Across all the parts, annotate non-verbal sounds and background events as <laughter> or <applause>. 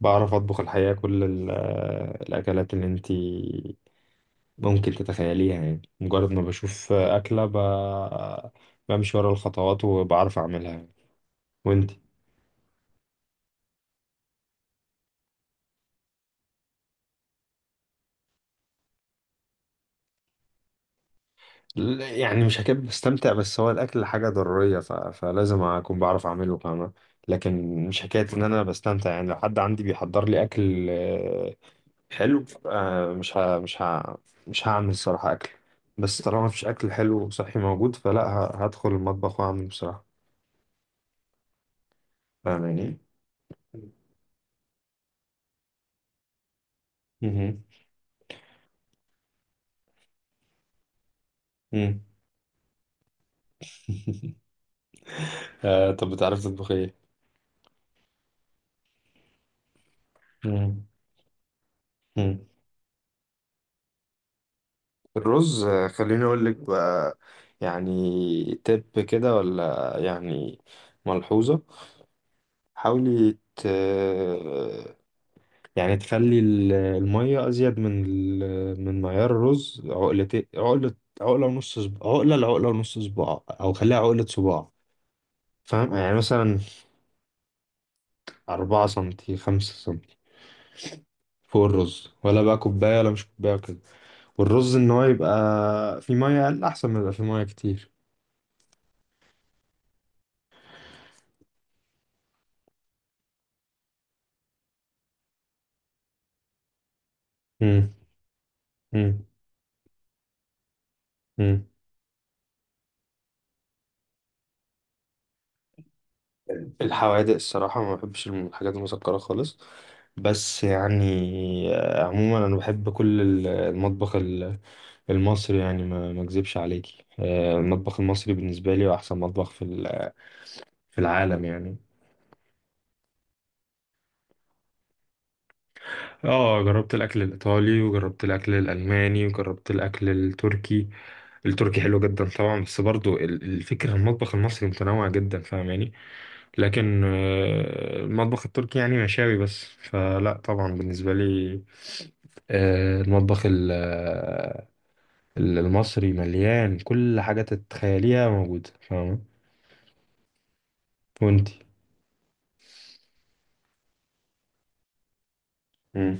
بعرف أطبخ الحقيقة كل الأكلات اللي أنتي ممكن تتخيليها يعني مجرد ما بشوف أكلة بمشي ورا الخطوات وبعرف أعملها. وأنتي؟ يعني مش هكذب بستمتع، بس هو الأكل حاجة ضرورية فلازم أكون بعرف أعمله فاهمة. لكن مش حكاية إن أنا بستمتع، يعني لو حد عندي بيحضر لي أكل حلو. مش هعمل الصراحة أكل. بس طالما مفيش أكل حلو وصحي موجود فلا هدخل المطبخ وأعمل بصراحة. فاهماني. مهم. مم. <laughs> طب بتعرف تطبخ ايه؟ مم. مم. الرز، خليني اقول لك بقى. يعني تب كده، ولا يعني ملحوظة. حاولي يعني تخلي المية أزيد من من معيار الرز عقلتين، عقلة، عقلة ونص صباع، عقلة لعقلة ونص صباع، أو خليها عقلة صباع. فاهم يعني، مثلا 4 سنتي، 5 سنتي فوق الرز، ولا بقى كوباية ولا مش كوباية. والرز ان هو يبقى في ميه اقل احسن ما يبقى في ميه كتير. امم. امم. امم. الحوادق الصراحه، ما بحبش الحاجات المسكره خالص. بس يعني عموما انا بحب كل المطبخ المصري، يعني ما اكذبش عليكي. المطبخ المصري بالنسبه لي هو احسن مطبخ في العالم يعني. اه جربت الاكل الايطالي، وجربت الاكل الالماني، وجربت الاكل التركي. التركي حلو جدا طبعا، بس برضو الفكره المطبخ المصري متنوع جدا فاهماني. لكن المطبخ التركي يعني مشاوي بس، فلا طبعا بالنسبة لي. آه، المطبخ ال- آه، المصري مليان كل حاجة تتخيليها موجودة فاهمة. وانتي؟ مم.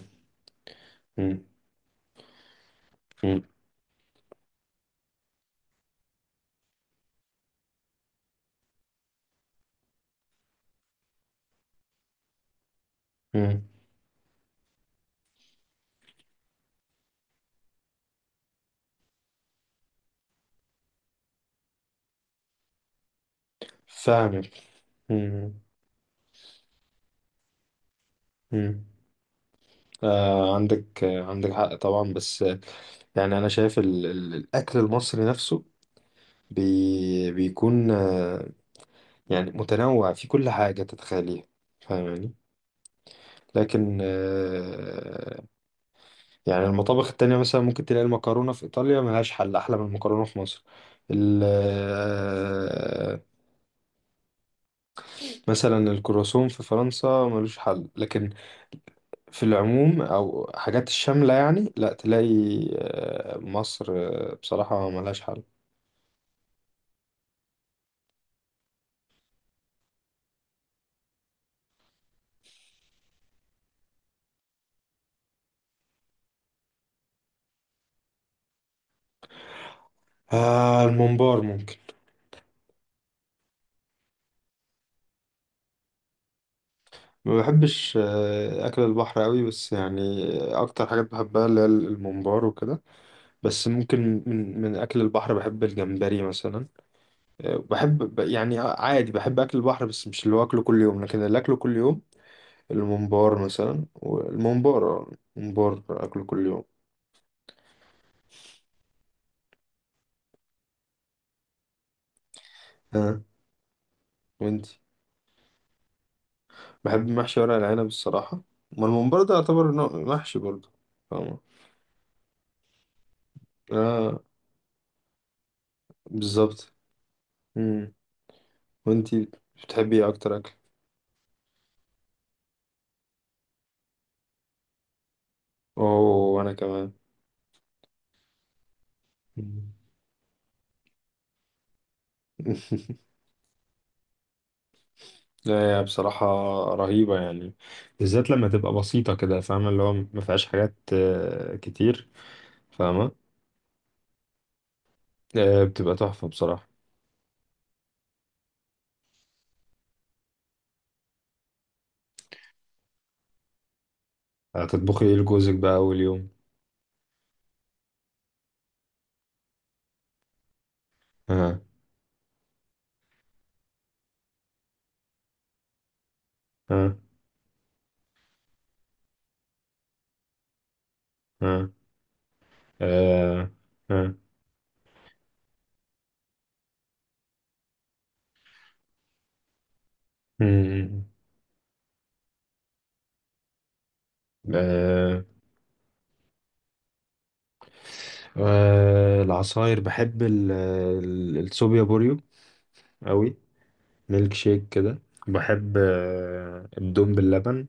مم. مم. مم. فاهمك. مم. مم. عندك حق طبعا، بس يعني أنا شايف ال ال الأكل المصري نفسه بيكون يعني متنوع في كل حاجة تتخيليها فاهماني. لكن يعني المطابخ التانية، مثلا ممكن تلاقي المكرونة في إيطاليا ملهاش حل أحلى من المكرونة في مصر. ال- آه، مثلا الكرواسون في فرنسا ملوش حل، لكن في العموم أو حاجات الشاملة يعني لا تلاقي. مصر بصراحة ملهاش حل. الممبار ممكن. ما بحبش أكل البحر أوي، بس يعني أكتر حاجات بحبها اللي هي الممبار وكده. بس ممكن من أكل البحر بحب الجمبري مثلا. بحب يعني عادي بحب اكل البحر، بس مش اللي هو اكله كل يوم. لكن اللي اكله كل يوم الممبار مثلا، والممبار الممبار اكله كل يوم. ها. وانتي؟ بحب محشي ورق العنب الصراحة. ما الممبار ده يعتبر نوع محشي برضه فاهمة. اه، بالظبط. مم. وانتي، بتحبي ايه اكتر اكل؟ اوه، وانا كمان. مم. <laughs> لا، هي بصراحة رهيبة يعني. بالذات لما تبقى بسيطة كده فاهمة، اللي هو ما فيهاش حاجات كتير فاهمة. بتبقى تحفة بصراحة. هتطبخي ايه لجوزك بقى أول يوم؟ ها. ها. ها. آه. ها. مم. آه، آه، العصاير بحب الصوبيا بوريو أوي. ميلك شيك كده. بحب الدوم باللبن.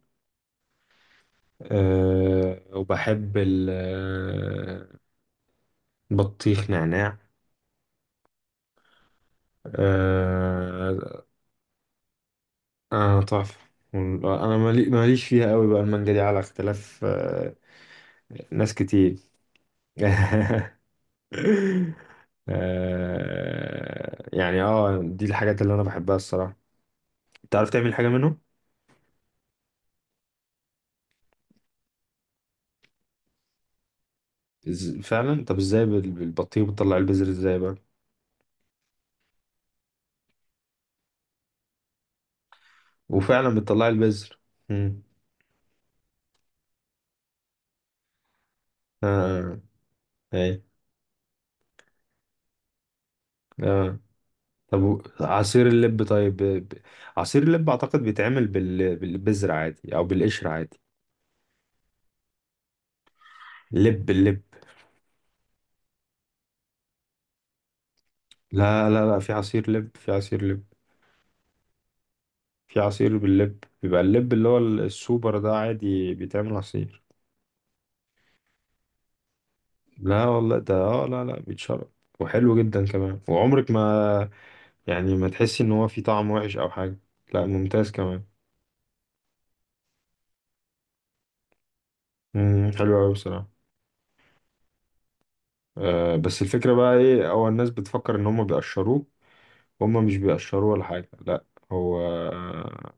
وبحب البطيخ نعناع. آه. آه، تحفة. انا ماليش فيها قوي بقى، المانجا دي على اختلاف. ناس كتير. <laughs> دي الحاجات اللي انا بحبها الصراحه. تعرف تعمل حاجه منهم؟ فعلا. طب ازاي بالبطيخ بتطلع البذر ازاي بقى؟ وفعلا بتطلع البذر. مم. اه. اي. اه. طب عصير اللب، طيب عصير اللب اعتقد بيتعمل بالبذر عادي، او بالقشر عادي. لب، اللب. لا لا لا، في عصير لب، في عصير لب. في عصير باللب، بيبقى اللب اللي هو السوبر ده عادي بيتعمل عصير. لا والله، ده لا لا بيتشرب وحلو جدا كمان. وعمرك ما، يعني ما تحسي ان هو فيه طعم وحش او حاجة. لا ممتاز كمان. حلو قوي بصراحة. آه، بس الفكرة بقى ايه، هو الناس بتفكر ان هم بيقشروه. هم مش بيقشروه ولا حاجة، لا. هو آه،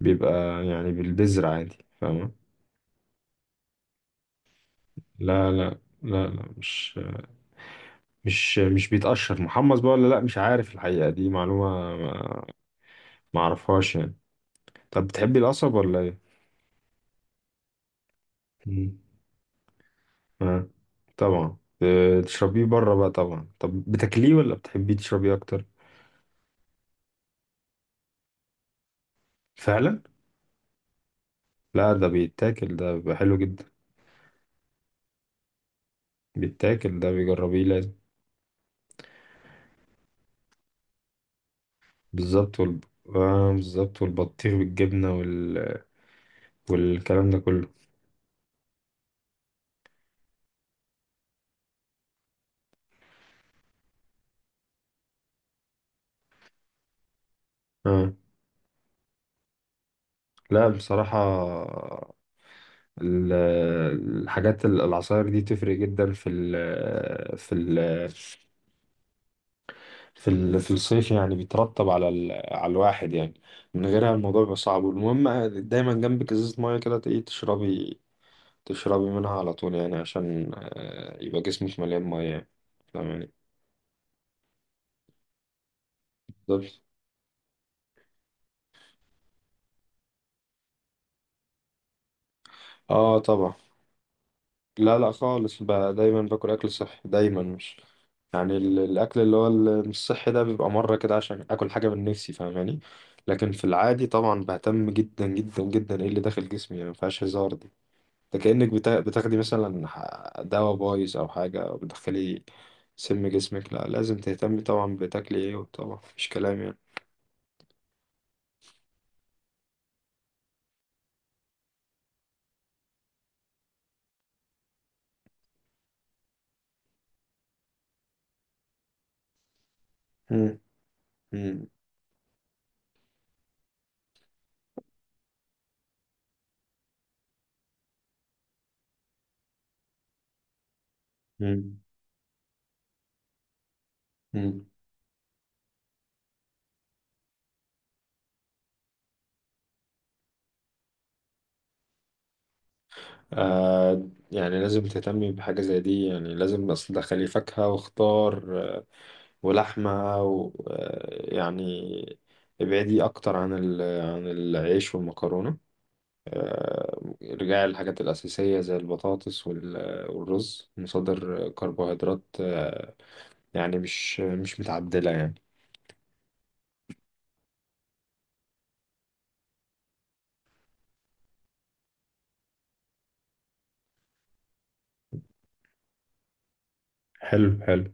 بيبقى يعني بالبذر عادي فاهمة. لا لا لا لا، مش بيتقشر محمص بقى، ولا لا مش عارف، الحقيقة دي معلومة ما ما اعرفهاش يعني. طب بتحبي القصب ولا ايه؟ مم. آه. طبعا تشربيه بره بقى طبعا. طب بتاكليه، ولا بتحبيه تشربيه اكتر؟ فعلا. لا، ده بيتاكل، ده بيبقى حلو جدا. بيتاكل ده، بيجربيه لازم. بالظبط. وال... آه بالظبط، والبطيخ بالجبنة، والكلام ده كله. آه. لا بصراحة، ال- الحاجات العصاير دي تفرق جدا في الصيف، يعني بيترتب على على الواحد يعني. من غيرها الموضوع بيبقى صعب. والمهم دايما جنبك ازازة مية كده، تلاقيه تشربي منها على طول، يعني عشان يبقى جسمك مليان مية يعني. فاهم يعني؟ بالظبط. اه طبعا. لا لا خالص بقى، دايما باكل اكل صحي دايما. مش يعني الاكل اللي هو مش صحي ده بيبقى مرة كده عشان اكل حاجة من نفسي فاهماني. لكن في العادي طبعا بهتم جدا جدا جدا ايه اللي داخل جسمي، يعني مفيهاش هزار دي. ده كأنك بتاخدي مثلا دواء بايظ أو حاجة، أو بتدخلي سم جسمك. لا لازم تهتمي طبعا بتاكلي ايه، طبعا مفيش كلام يعني. مم. مم. مم. مم. يعني لازم تهتمي بحاجة زي دي، يعني لازم بس تدخلي فاكهة وخضار ولحمة و يعني ابعدي أكتر عن العيش والمكرونة. رجعي للحاجات الأساسية زي البطاطس والرز، مصادر كربوهيدرات، يعني مش متعدلة يعني. حلو حلو